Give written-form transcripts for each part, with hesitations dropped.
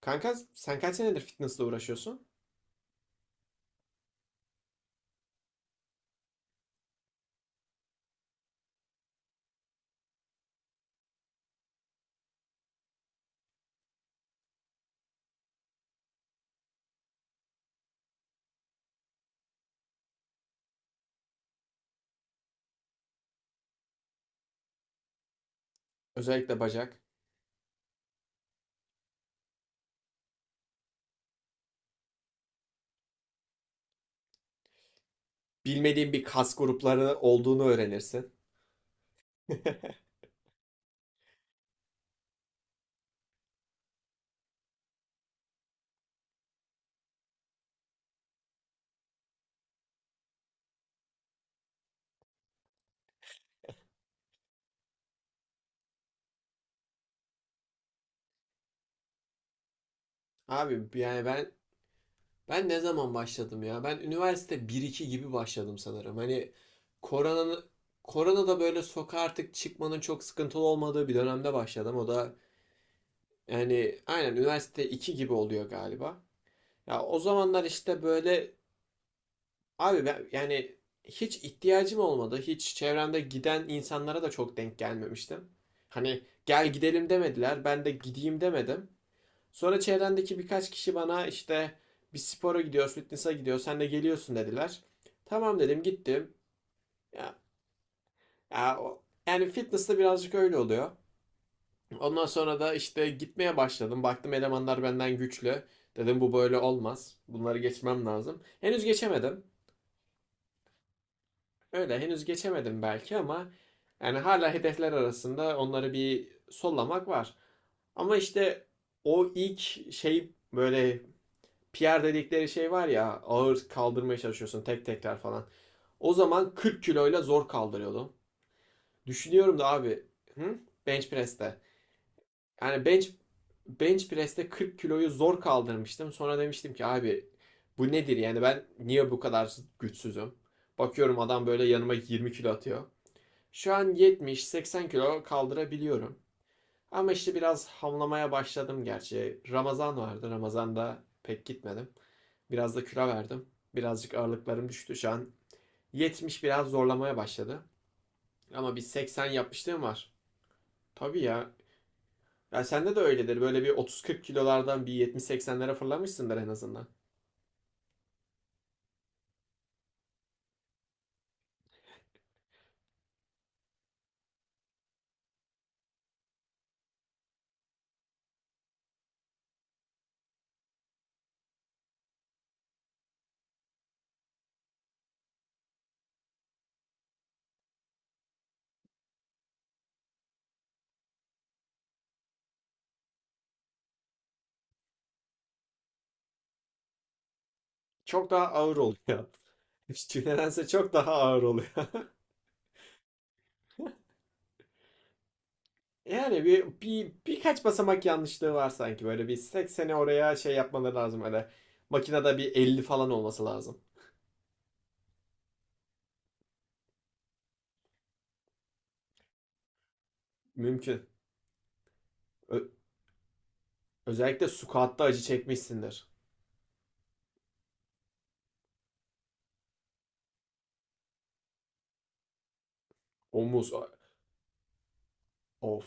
Kanka sen kaç senedir fitnessle uğraşıyorsun? Özellikle bacak. Bilmediğin bir kas grupları olduğunu öğrenirsin. Abi yani ben ne zaman başladım ya? Ben üniversite bir iki gibi başladım sanırım. Hani koronanın korona da böyle sokağa artık çıkmanın çok sıkıntılı olmadığı bir dönemde başladım. O da yani aynen üniversite 2 gibi oluyor galiba. Ya o zamanlar işte böyle. Ben yani hiç ihtiyacım olmadı. Hiç çevremde giden insanlara da çok denk gelmemiştim. Hani gel gidelim demediler. Ben de gideyim demedim. Sonra çevrendeki birkaç kişi bana işte bir spora gidiyoruz, fitness'a gidiyoruz. Sen de geliyorsun dediler. Tamam dedim gittim. Ya, ya, yani fitness'ta birazcık öyle oluyor. Ondan sonra da işte gitmeye başladım. Baktım elemanlar benden güçlü. Dedim bu böyle olmaz. Bunları geçmem lazım. Henüz geçemedim. Öyle henüz geçemedim belki ama yani hala hedefler arasında onları bir sollamak var. Ama işte o ilk şey böyle PR dedikleri şey var ya, ağır kaldırmaya çalışıyorsun, tek tekrar falan. O zaman 40 kiloyla zor kaldırıyordum. Düşünüyorum da abi. Hı? Bench press'te. Yani bench press'te 40 kiloyu zor kaldırmıştım. Sonra demiştim ki abi, bu nedir yani, ben niye bu kadar güçsüzüm? Bakıyorum adam böyle yanıma 20 kilo atıyor. Şu an 70-80 kilo kaldırabiliyorum. Ama işte biraz hamlamaya başladım gerçi. Ramazan vardı. Ramazan'da pek gitmedim. Biraz da kilo verdim. Birazcık ağırlıklarım düştü. Şu an 70 biraz zorlamaya başladı. Ama bir 80 yapmışlığım var. Tabii ya. Ya sende de öyledir. Böyle bir 30-40 kilolardan bir 70-80'lere fırlamışsındır en azından. Çok daha ağır oluyor. Nedense çok daha ağır oluyor. Yani bir birkaç basamak yanlışlığı var sanki, böyle bir 80'e oraya şey yapmaları lazım öyle. Makinede bir 50 falan olması lazım. Mümkün. Ö- Özellikle squat'ta acı çekmişsindir. Omuz, of.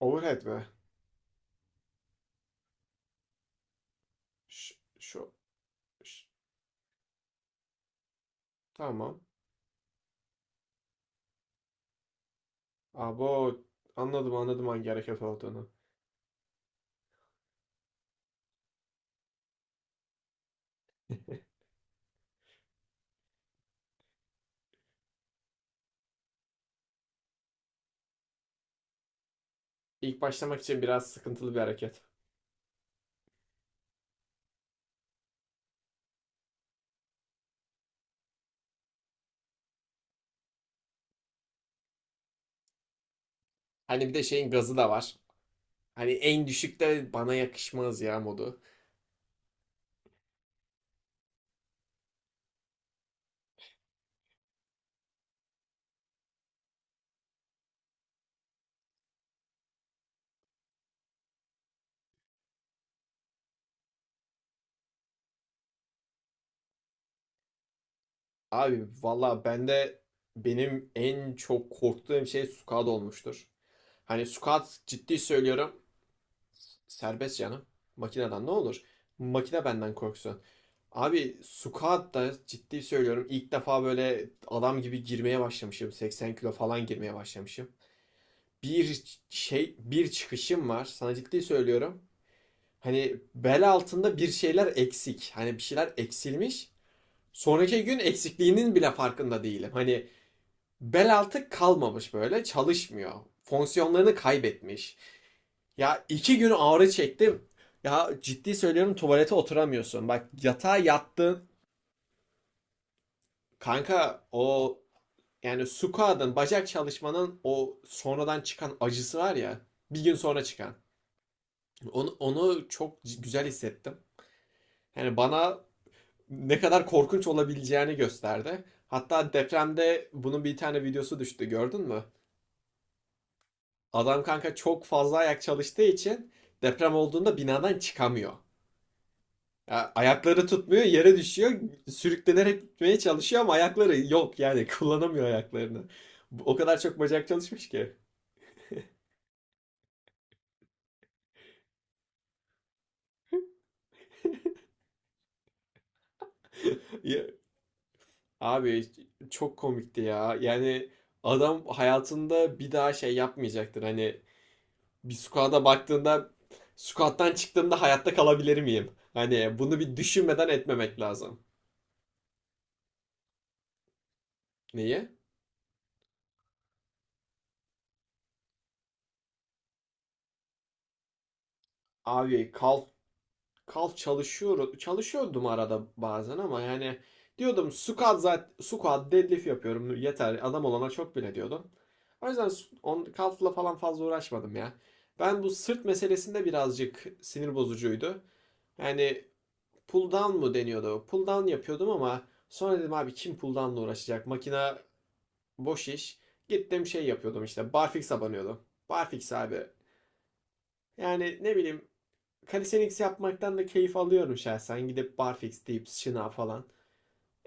Overhead mi? Ş- şu, ş- tamam. Abo, anladım anladım hangi hareket olduğunu. İlk başlamak için biraz sıkıntılı bir hareket. Hani bir de şeyin gazı da var. Hani en düşükte bana yakışmaz ya modu. Abi valla benim en çok korktuğum şey squat olmuştur. Hani squat, ciddi söylüyorum, serbest canım. Makineden ne olur? Makine benden korksun. Abi squat da ciddi söylüyorum, İlk defa böyle adam gibi girmeye başlamışım. 80 kilo falan girmeye başlamışım. Bir Bir çıkışım var, sana ciddi söylüyorum. Hani bel altında bir şeyler eksik. Hani bir şeyler eksilmiş. Sonraki gün eksikliğinin bile farkında değilim. Hani bel altı kalmamış, böyle çalışmıyor. Fonksiyonlarını kaybetmiş. Ya 2 gün ağrı çektim. Ya ciddi söylüyorum, tuvalete oturamıyorsun. Bak, yatağa yattın. Kanka o, yani squat'ın bacak çalışmanın o sonradan çıkan acısı var ya. Bir gün sonra çıkan. Onu çok güzel hissettim. Yani bana ne kadar korkunç olabileceğini gösterdi. Hatta depremde bunun bir tane videosu düştü, gördün mü? Adam kanka çok fazla ayak çalıştığı için deprem olduğunda binadan çıkamıyor. Ya ayakları tutmuyor, yere düşüyor. Sürüklenerek gitmeye çalışıyor ama ayakları yok yani kullanamıyor ayaklarını. O kadar çok bacak çalışmış ki. Ya- Abi çok komikti ya. Yani adam hayatında bir daha şey yapmayacaktır. Hani bir squat'a baktığında, squat'tan çıktığımda hayatta kalabilir miyim, hani bunu bir düşünmeden etmemek lazım. Neyi? Abi, kal çalışıyorum. Çalışıyordum arada bazen ama yani diyordum squat, zaten squat deadlift yapıyorum, yeter adam olana çok bile diyordum. O yüzden kalfla falan fazla uğraşmadım ya. Ben bu sırt meselesinde birazcık sinir bozucuydu. Yani pull down mu deniyordu? Pull down yapıyordum ama sonra dedim abi, kim pull down'la uğraşacak? Makina, boş iş. Gittim şey yapıyordum, işte barfix'e banıyordum. Barfix abi. Yani ne bileyim, calisthenics yapmaktan da keyif alıyorum şahsen. Gidip barfix deyip şınav falan.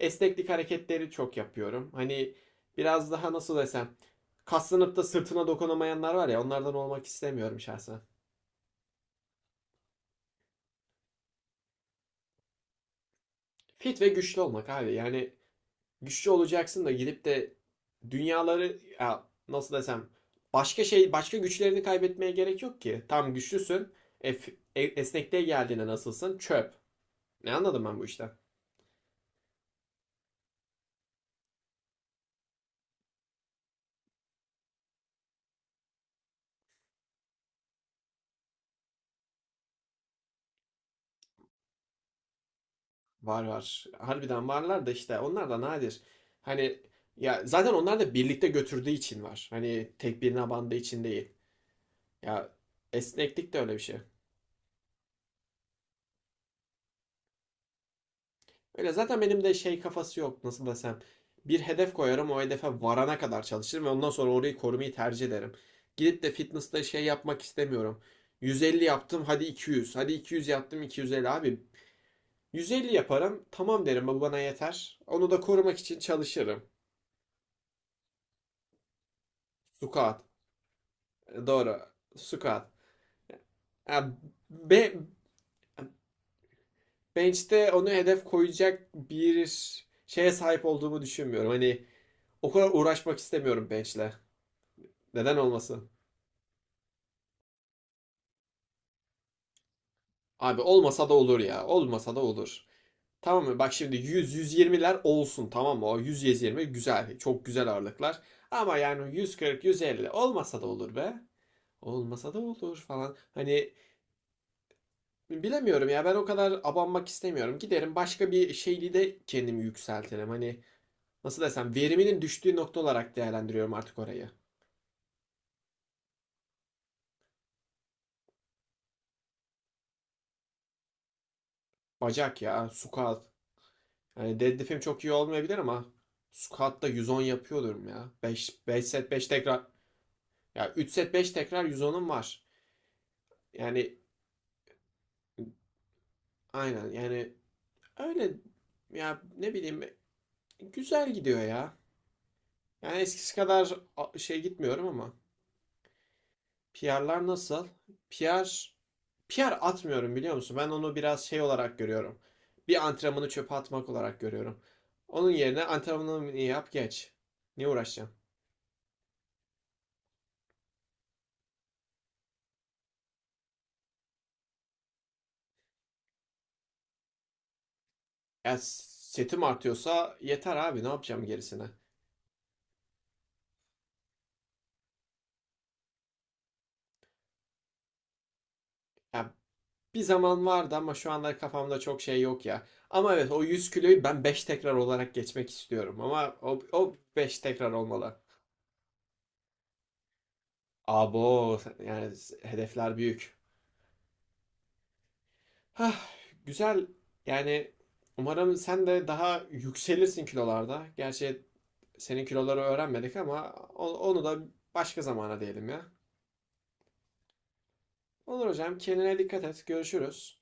Esneklik hareketleri çok yapıyorum. Hani biraz daha nasıl desem, kaslanıp da sırtına dokunamayanlar var ya, onlardan olmak istemiyorum şahsen. Fit ve güçlü olmak abi. Yani güçlü olacaksın da gidip de dünyaları, ya nasıl desem, başka güçlerini kaybetmeye gerek yok ki. Tam güçlüsün. Esnekliğe geldiğinde nasılsın? Çöp. Ne anladım ben bu işten? Var var. Harbiden varlar da işte, onlar da nadir. Hani ya zaten onlar da birlikte götürdüğü için var. Hani tek birine bandığı için değil. Ya esneklik de öyle bir şey. Öyle zaten benim de şey kafası yok, nasıl desem. Bir hedef koyarım, o hedefe varana kadar çalışırım ve ondan sonra orayı korumayı tercih ederim. Gidip de fitness'ta şey yapmak istemiyorum. 150 yaptım, hadi 200. Hadi 200 yaptım, 250 abi. 150 yaparım, tamam derim, bu bana yeter. Onu da korumak için çalışırım. Squat. Doğru. Squat. Ha, be, Bench'te onu hedef koyacak bir şeye sahip olduğumu düşünmüyorum. Hani o kadar uğraşmak istemiyorum bench'le. Neden olmasın? Abi olmasa da olur ya. Olmasa da olur. Tamam mı? Bak, şimdi 100-120'ler olsun tamam mı? O 100-120 güzel. Çok güzel ağırlıklar. Ama yani 140-150 olmasa da olur be. Olmasa da olur falan. Hani bilemiyorum ya, ben o kadar abanmak istemiyorum. Giderim başka bir şeyli de kendimi yükseltirim. Hani nasıl desem, veriminin düştüğü nokta olarak değerlendiriyorum artık orayı. Bacak ya, squat. Hani deadlift'im çok iyi olmayabilir ama squat'ta 110 yapıyordum ya. Beş set 5 tekrar. Ya 3 set 5 tekrar 110'um var. Yani aynen yani, öyle ya ne bileyim, güzel gidiyor ya. Yani eskisi kadar şey gitmiyorum ama. PR'lar nasıl? PR PR atmıyorum biliyor musun? Ben onu biraz şey olarak görüyorum. Bir antrenmanı çöpe atmak olarak görüyorum. Onun yerine antrenmanını yap geç. Niye uğraşacağım? Ya setim artıyorsa yeter abi, ne yapacağım gerisine? Ya bir zaman vardı ama şu anlar kafamda çok şey yok ya. Ama evet, o 100 kiloyu ben 5 tekrar olarak geçmek istiyorum. Ama o 5 tekrar olmalı. Abo yani, hedefler büyük. Hah, güzel. Yani umarım sen de daha yükselirsin kilolarda. Gerçi senin kiloları öğrenmedik ama onu da başka zamana diyelim ya. Olur hocam, kendine dikkat et. Görüşürüz.